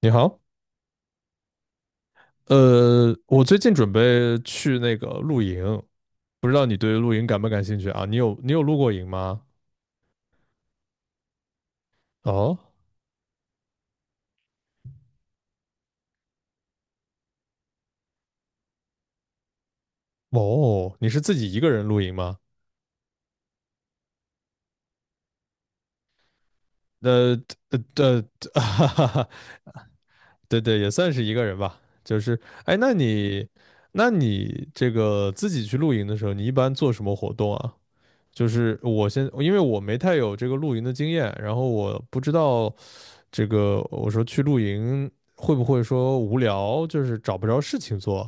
你好，我最近准备去那个露营，不知道你对露营感不感兴趣啊？你有露过营吗？哦哦，你是自己一个人露营吗？呃呃呃，哈哈哈，对对，也算是一个人吧。就是，哎，那你这个自己去露营的时候，你一般做什么活动啊？就是我先，因为我没太有这个露营的经验，然后我不知道。这个我说去露营会不会说无聊，就是找不着事情做？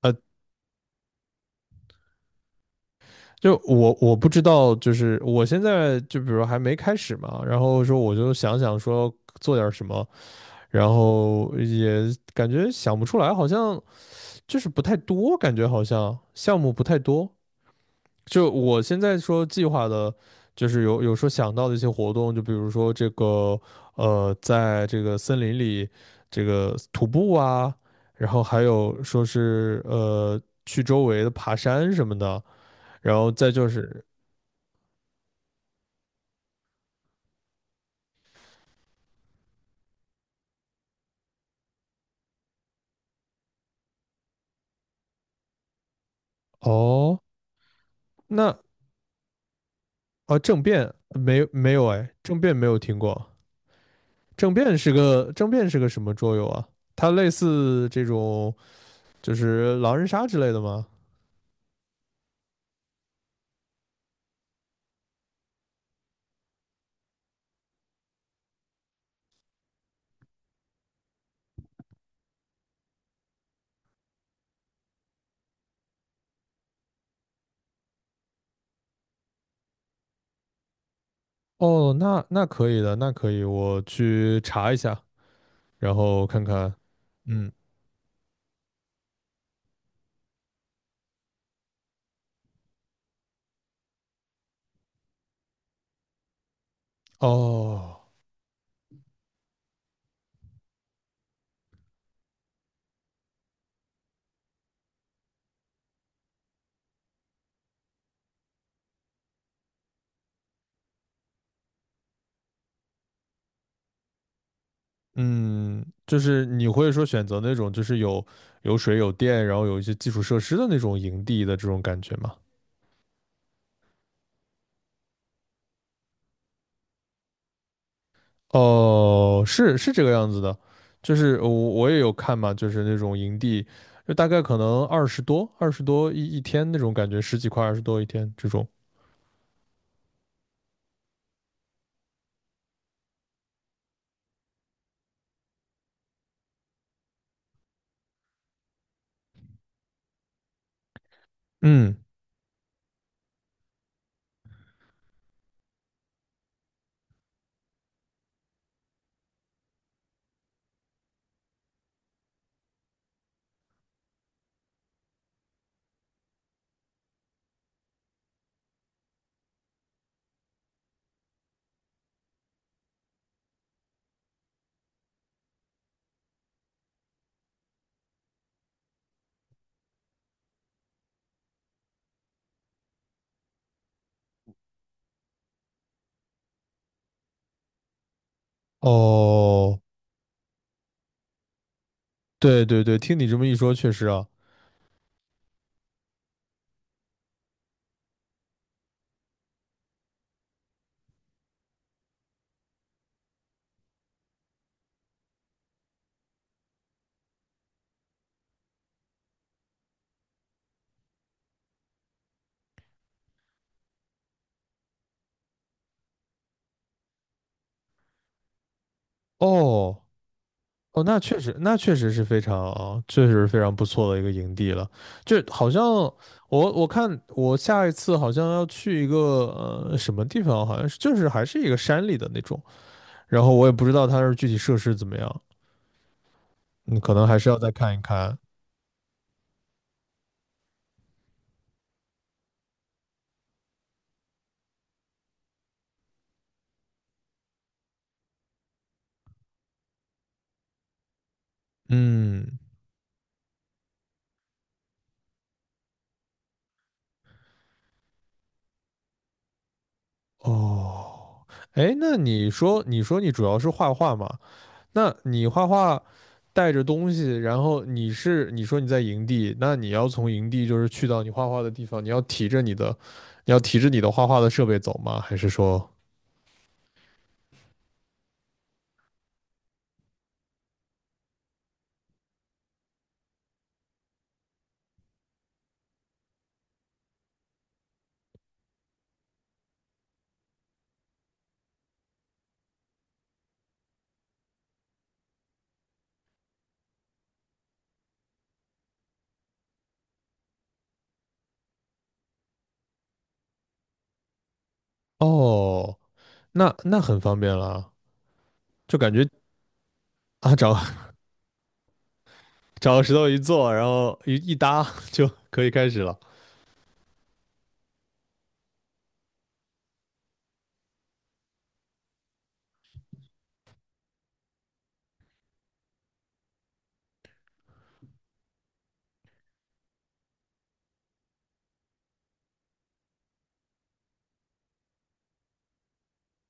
呃，就我不知道，就是我现在就比如还没开始嘛，然后说我就想说做点什么，然后也感觉想不出来，好像就是不太多，感觉好像项目不太多。就我现在说计划的，就是有说想到的一些活动，就比如说这个在这个森林里这个徒步啊，然后还有说是去周围的爬山什么的，然后再就是。哦，那啊，政变没有哎，政变没有听过，政变是个什么桌游啊？它类似这种就是狼人杀之类的吗？哦，那那可以的，那可以，我去查一下，然后看看。嗯，哦，嗯，就是你会说选择那种就是有水有电，然后有一些基础设施的那种营地的这种感觉吗？哦，是是这个样子的，就是我也有看嘛，就是那种营地，就大概可能二十多一天那种感觉，十几块二十多一天这种。嗯，哦，对对对，听你这么一说，确实啊，哦。哦，那确实，那确实是非常，确实是非常不错的一个营地了。就好像我看我下一次好像要去一个什么地方，好像是就是还是一个山里的那种，然后我也不知道它是具体设施怎么样，你可能还是要再看一看。嗯，哦，哎，那你说你主要是画画吗？那你画画带着东西，然后你是你说你在营地，那你要从营地就是去到你画画的地方，你要提着你的，你要提着你的画画的设备走吗？还是说，哦，那那很方便了，就感觉啊，找 找个石头一坐，然后一搭 就可以开始了。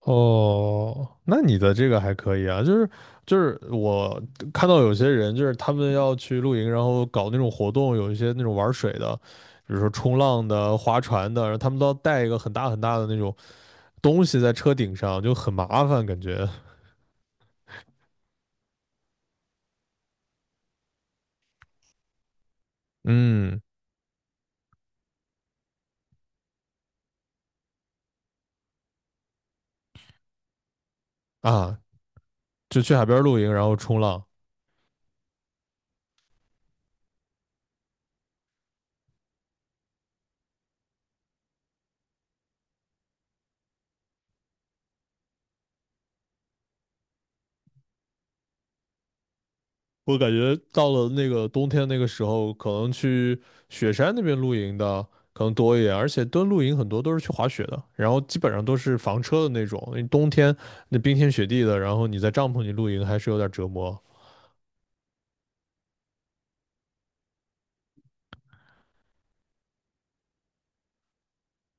哦，那你的这个还可以啊，就是就是我看到有些人就是他们要去露营，然后搞那种活动，有一些那种玩水的，比如说冲浪的、划船的，然后他们都要带一个很大很大的那种东西在车顶上，就很麻烦感觉。嗯，啊，就去海边露营，然后冲浪。我感觉到了那个冬天那个时候，可能去雪山那边露营的可能多一点，而且蹲露营很多都是去滑雪的，然后基本上都是房车的那种。因为冬天那冰天雪地的，然后你在帐篷里露营还是有点折磨。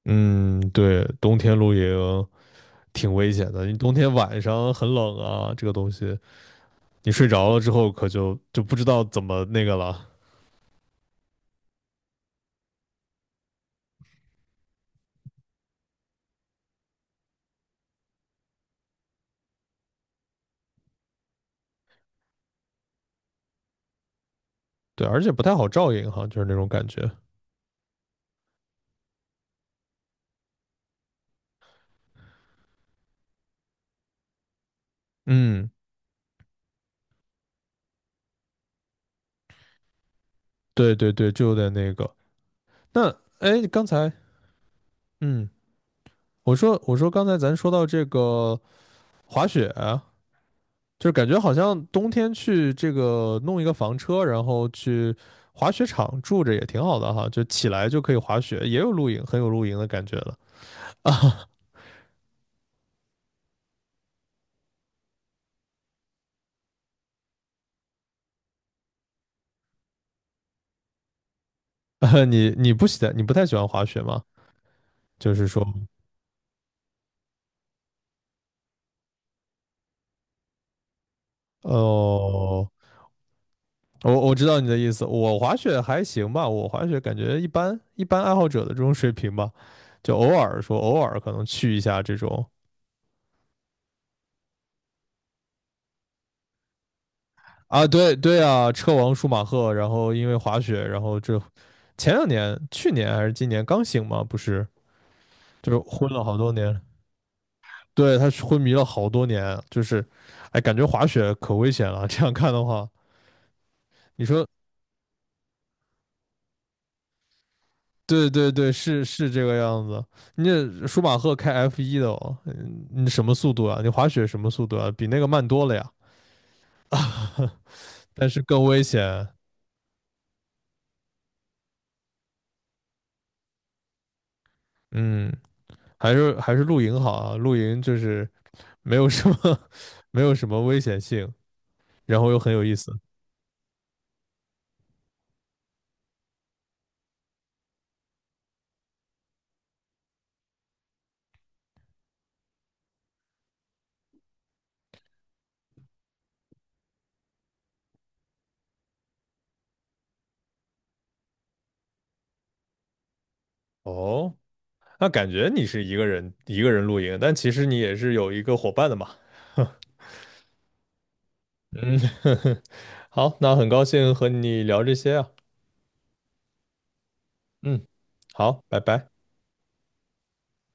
嗯，对，冬天露营挺危险的，你冬天晚上很冷啊，这个东西你睡着了之后可就不知道怎么那个了。对，而且不太好照应哈，就是那种感觉。嗯，对对对，就有点那个。那哎，刚才。嗯，我说刚才咱说到这个滑雪，就是感觉好像冬天去这个弄一个房车，然后去滑雪场住着也挺好的哈，就起来就可以滑雪，也有露营，很有露营的感觉了啊。你不太喜欢滑雪吗？就是说，哦，我知道你的意思，我滑雪还行吧，我滑雪感觉一般，一般爱好者的这种水平吧，就偶尔可能去一下这种。啊，对对啊，车王舒马赫，然后因为滑雪，然后这前两年，去年还是今年刚醒嘛，不是，就是昏了好多年，对，他昏迷了好多年，就是，哎，感觉滑雪可危险了，这样看的话，你说，对对对，是是这个样子，你这舒马赫开 F1的哦，嗯你什么速度啊？你滑雪什么速度啊？比那个慢多了呀，但是更危险，嗯。还是还是露营好啊，露营就是没有什么 没有什么危险性，然后又很有意思。哦，那感觉你是一个人露营，但其实你也是有一个伙伴的嘛。嗯，好，那很高兴和你聊这些啊。嗯，好，拜拜。